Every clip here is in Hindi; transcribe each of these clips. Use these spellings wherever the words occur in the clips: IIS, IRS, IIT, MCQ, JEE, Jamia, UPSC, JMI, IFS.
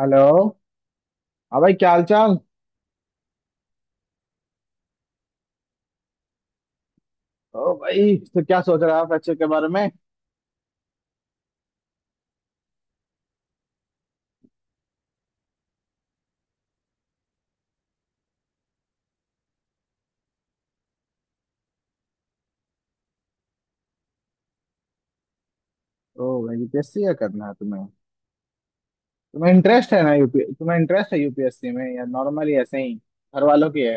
हेलो। हाँ भाई क्या हाल चाल। ओ भाई तो क्या सोच रहे हो आप बच्चे के बारे में। ओ भाई यूपीएससी या करना है तुम्हें। तुम्हें इंटरेस्ट है ना यूपी तुम्हें इंटरेस्ट है यूपीएससी में या नॉर्मली ऐसे ही घर वालों की है।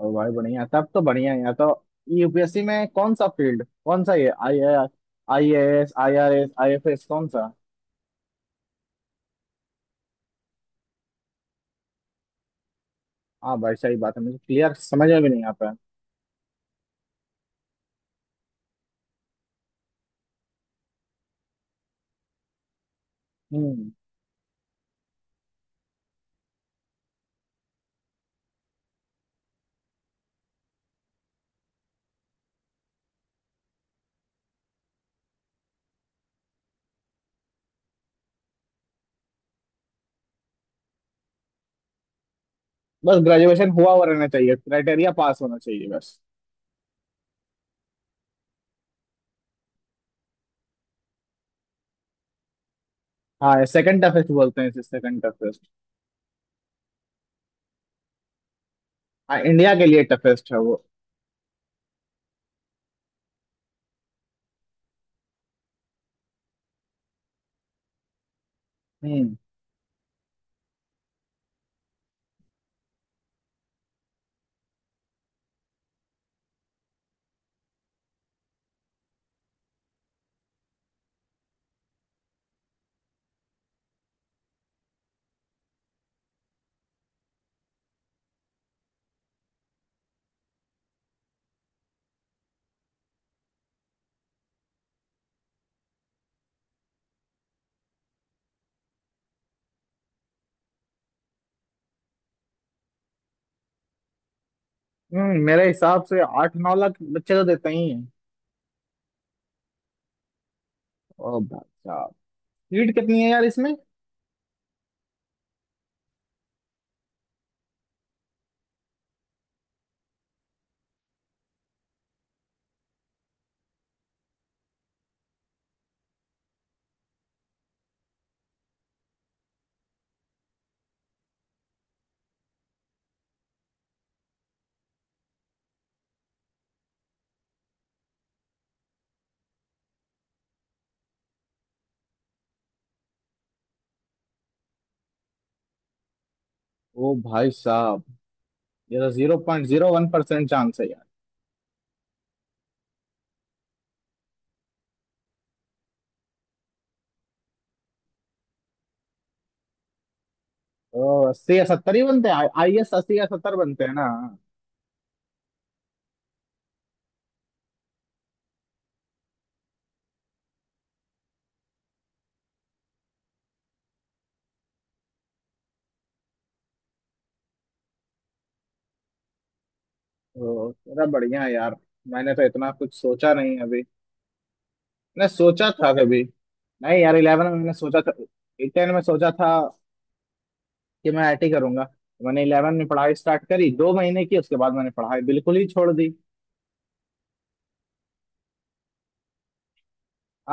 ओ भाई बढ़िया तब तो बढ़िया है यार। तो यूपीएससी में कौन सा फील्ड कौन सा ये I I S I R S I F S कौन सा। हाँ भाई सही बात है मुझे क्लियर समझ में भी नहीं आता है। हम्म। बस ग्रेजुएशन हुआ हुआ रहना चाहिए क्राइटेरिया पास होना चाहिए बस। हाँ सेकंड टफेस्ट बोलते हैं इसे सेकंड। इंडिया के लिए टफेस्ट है वो। हम्म। मेरे हिसाब से आठ नौ लाख बच्चे तो देते ही हैं। ओ भाई साहब सीट कितनी है यार इसमें। ओ भाई साहब ये तो zero point zero one percent chance है यार। ओ अस्सी या सत्तर ही बनते हैं आई एस अस्सी या सत्तर बनते हैं ना। ओ तेरा बढ़िया है यार। मैंने तो इतना कुछ सोचा नहीं अभी। मैंने सोचा था कभी। नहीं यार इलेवन में मैंने सोचा था। 10 में सोचा था कि मैं आईटी करूंगा। मैंने इलेवन में पढ़ाई स्टार्ट करी दो महीने की उसके बाद मैंने पढ़ाई बिल्कुल ही छोड़ दी।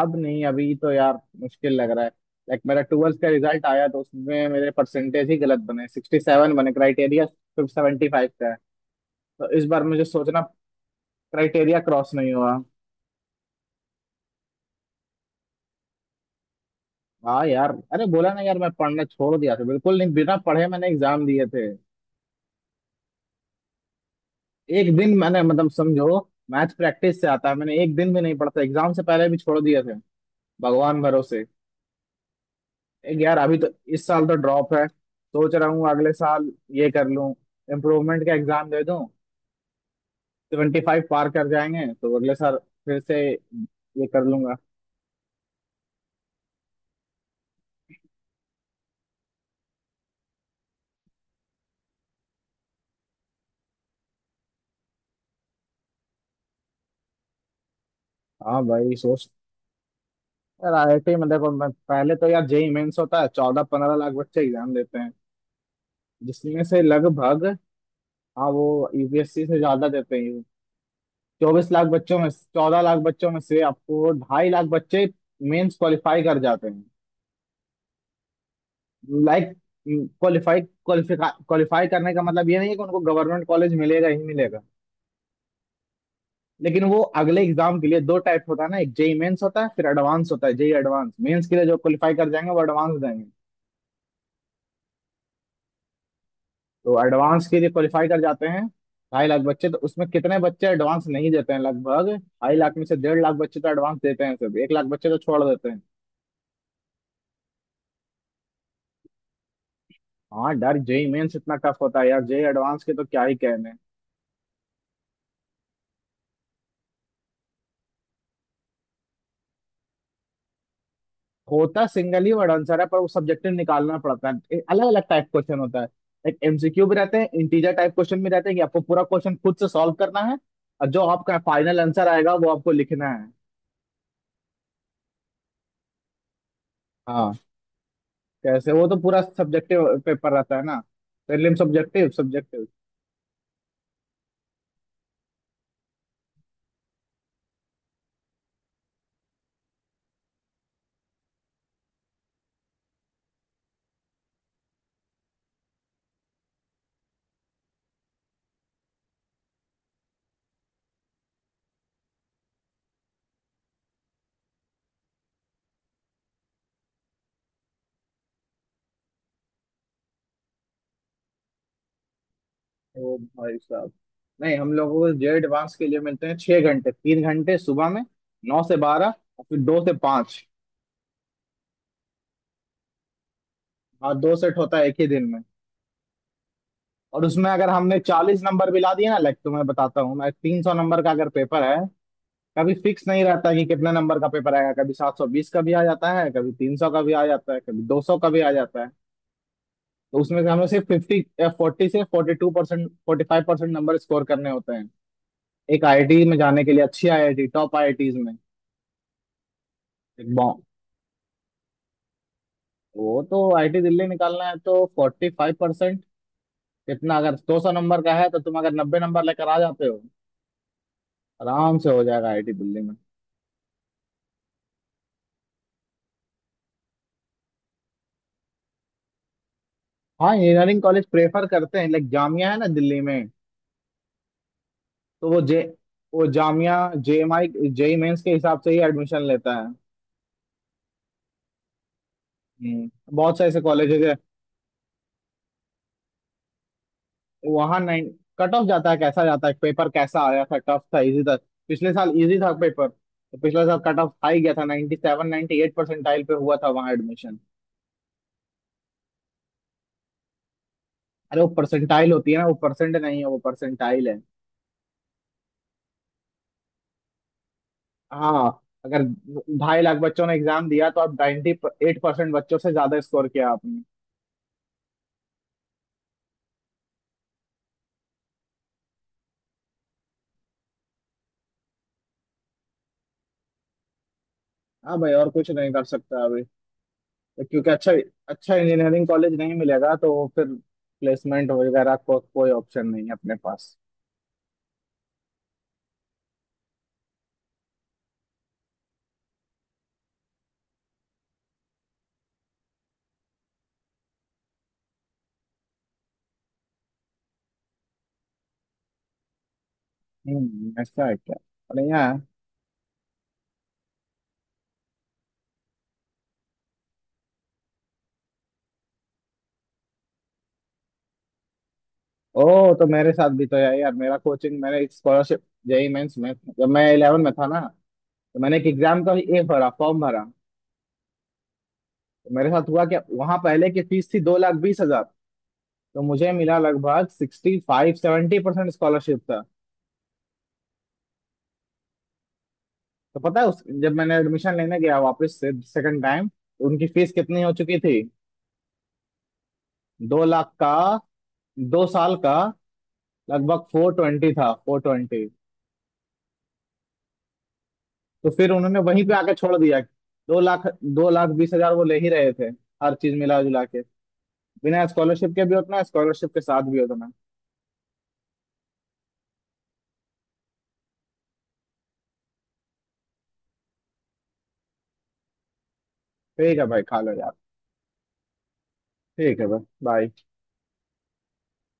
अब नहीं अभी तो यार मुश्किल लग रहा है। लाइक मेरा ट्वेल्थ का रिजल्ट आया तो उसमें मेरे परसेंटेज ही गलत बने 67 बने क्राइटेरिया सिर्फ 75 का है। तो इस बार मुझे सोचना क्राइटेरिया क्रॉस नहीं हुआ। हाँ यार अरे बोला ना यार मैं पढ़ना छोड़ दिया था बिल्कुल नहीं बिना पढ़े मैंने एग्जाम दिए थे। एक दिन मैंने मतलब समझो। मैथ्स प्रैक्टिस से आता है मैंने एक दिन भी नहीं पढ़ा था एग्जाम से पहले भी छोड़ दिए थे भगवान भरोसे। एक यार अभी तो इस साल तो ड्रॉप है सोच रहा हूँ अगले साल ये कर लूँ। इम्प्रूवमेंट का एग्जाम दे दूं। सेवेंटी फाइव पार कर जाएंगे तो अगले साल फिर से ये कर लूंगा। हाँ भाई सोच। यार आईआईटी में देखो मैं पहले तो यार जेई मेंस होता है चौदह पंद्रह लाख बच्चे एग्जाम देते हैं जिसमें से लगभग। हाँ वो यूपीएससी से ज्यादा देते हैं। चौबीस लाख बच्चों में चौदह लाख बच्चों में से आपको ढाई लाख बच्चे मेंस क्वालिफाई कर जाते हैं। लाइक क्वालिफाई क्वालिफाई क्वालिफाई करने का मतलब ये नहीं है कि उनको गवर्नमेंट कॉलेज मिलेगा ही मिलेगा। लेकिन वो अगले एग्जाम के लिए दो टाइप होता है ना एक जेई मेंस होता है फिर एडवांस होता है जेई एडवांस मेंस के लिए जो क्वालिफाई कर जाएंगे वो एडवांस देंगे। तो एडवांस के लिए क्वालिफाई कर जाते हैं ढाई लाख बच्चे तो उसमें कितने बच्चे एडवांस नहीं देते हैं लगभग ढाई लाख में से डेढ़ लाख बच्चे तो एडवांस देते हैं सिर्फ एक लाख बच्चे तो छोड़ देते हैं। हाँ डर जेई मेंस इतना टफ होता है यार जेई एडवांस के तो क्या ही कहने। होता सिंगल ही वर्ड आंसर है पर वो सब्जेक्टिव निकालना पड़ता है अलग अलग टाइप क्वेश्चन होता है। एक एमसीक्यू भी रहते हैं इंटीजर टाइप क्वेश्चन भी रहते हैं कि आपको पूरा क्वेश्चन खुद से सॉल्व करना है। और जो आपका फाइनल आंसर आएगा वो आपको लिखना है। हाँ कैसे वो तो पूरा सब्जेक्टिव पेपर रहता है ना। Prelim subjective subjective. ओ भाई साहब। नहीं हम लोगों को जे एडवांस के लिए मिलते हैं छह घंटे तीन घंटे सुबह में नौ से बारह। और फिर दो से पाँच। हाँ दो सेट होता है एक ही दिन में। और उसमें अगर हमने चालीस नंबर भी ला दिए ना लाइक तो मैं बताता हूँ मैं तीन सौ नंबर का अगर पेपर है। कभी फिक्स नहीं रहता कि कितने नंबर का पेपर आएगा कभी सात सौ बीस का भी आ जाता है कभी तीन सौ का भी आ जाता है कभी दो सौ का भी आ जाता है। तो उसमें से हमें सिर्फ फिफ्टी फोर्टी से forty two percent forty five percent number score करने होते हैं एक आईआईटी में जाने के लिए अच्छी आईआईटी टॉप आईआईटीज में। एक बॉ वो तो आईआईटी दिल्ली निकालना है तो फोर्टी फाइव परसेंट इतना अगर दो सौ नंबर का है तो तुम अगर नब्बे नंबर लेकर आ जाते हो आराम से हो जाएगा आईआईटी दिल्ली में। हाँ इंजीनियरिंग कॉलेज प्रेफर करते हैं लाइक जामिया है ना दिल्ली में। तो वो जे वो जामिया जेएमआई जेई मेंस के हिसाब से ही एडमिशन लेता है। हम्म, बहुत सारे ऐसे कॉलेजेस है। वहाँ नाइन कट ऑफ जाता है कैसा जाता है पेपर कैसा आया था टफ था इजी था। पिछले साल इजी था पेपर तो पिछले साल कट ऑफ हाई गया था 97 98 परसेंटाइल पे हुआ था वहाँ एडमिशन। अरे वो परसेंटाइल होती है ना वो परसेंट नहीं है वो परसेंटाइल है। हाँ अगर ढाई लाख बच्चों ने एग्जाम दिया तो आप 98 एट परसेंट बच्चों से ज्यादा स्कोर किया आपने। हाँ भाई और कुछ नहीं कर सकता अभी। क्योंकि अच्छा अच्छा इंजीनियरिंग कॉलेज नहीं मिलेगा तो फिर प्लेसमेंट वगैरह को कोई ऑप्शन नहीं है अपने पास। ऐसा है क्या। बढ़िया है। ओ तो मेरे साथ भी तो यार यार मेरा कोचिंग मैंने एक स्कॉलरशिप। जेई मेंस में जब मैं इलेवन में था ना तो मैंने एक एग्जाम का ये भरा फॉर्म भरा। तो मेरे साथ हुआ क्या वहां पहले की फीस थी दो लाख बीस हजार। तो मुझे मिला लगभग sixty five seventy percent scholarship था। तो पता है उस जब मैंने एडमिशन लेने गया वापस से सेकंड टाइम उनकी फीस कितनी हो चुकी थी। दो लाख का दो साल का लगभग फोर ट्वेंटी था फोर ट्वेंटी। तो फिर उन्होंने वहीं पे आके छोड़ दिया। दो लाख बीस हजार वो ले ही रहे थे हर चीज मिला जुला के। बिना स्कॉलरशिप के भी उतना स्कॉलरशिप के साथ भी उतना। ठीक है भाई खा लो यार। ठीक है भाई बाय।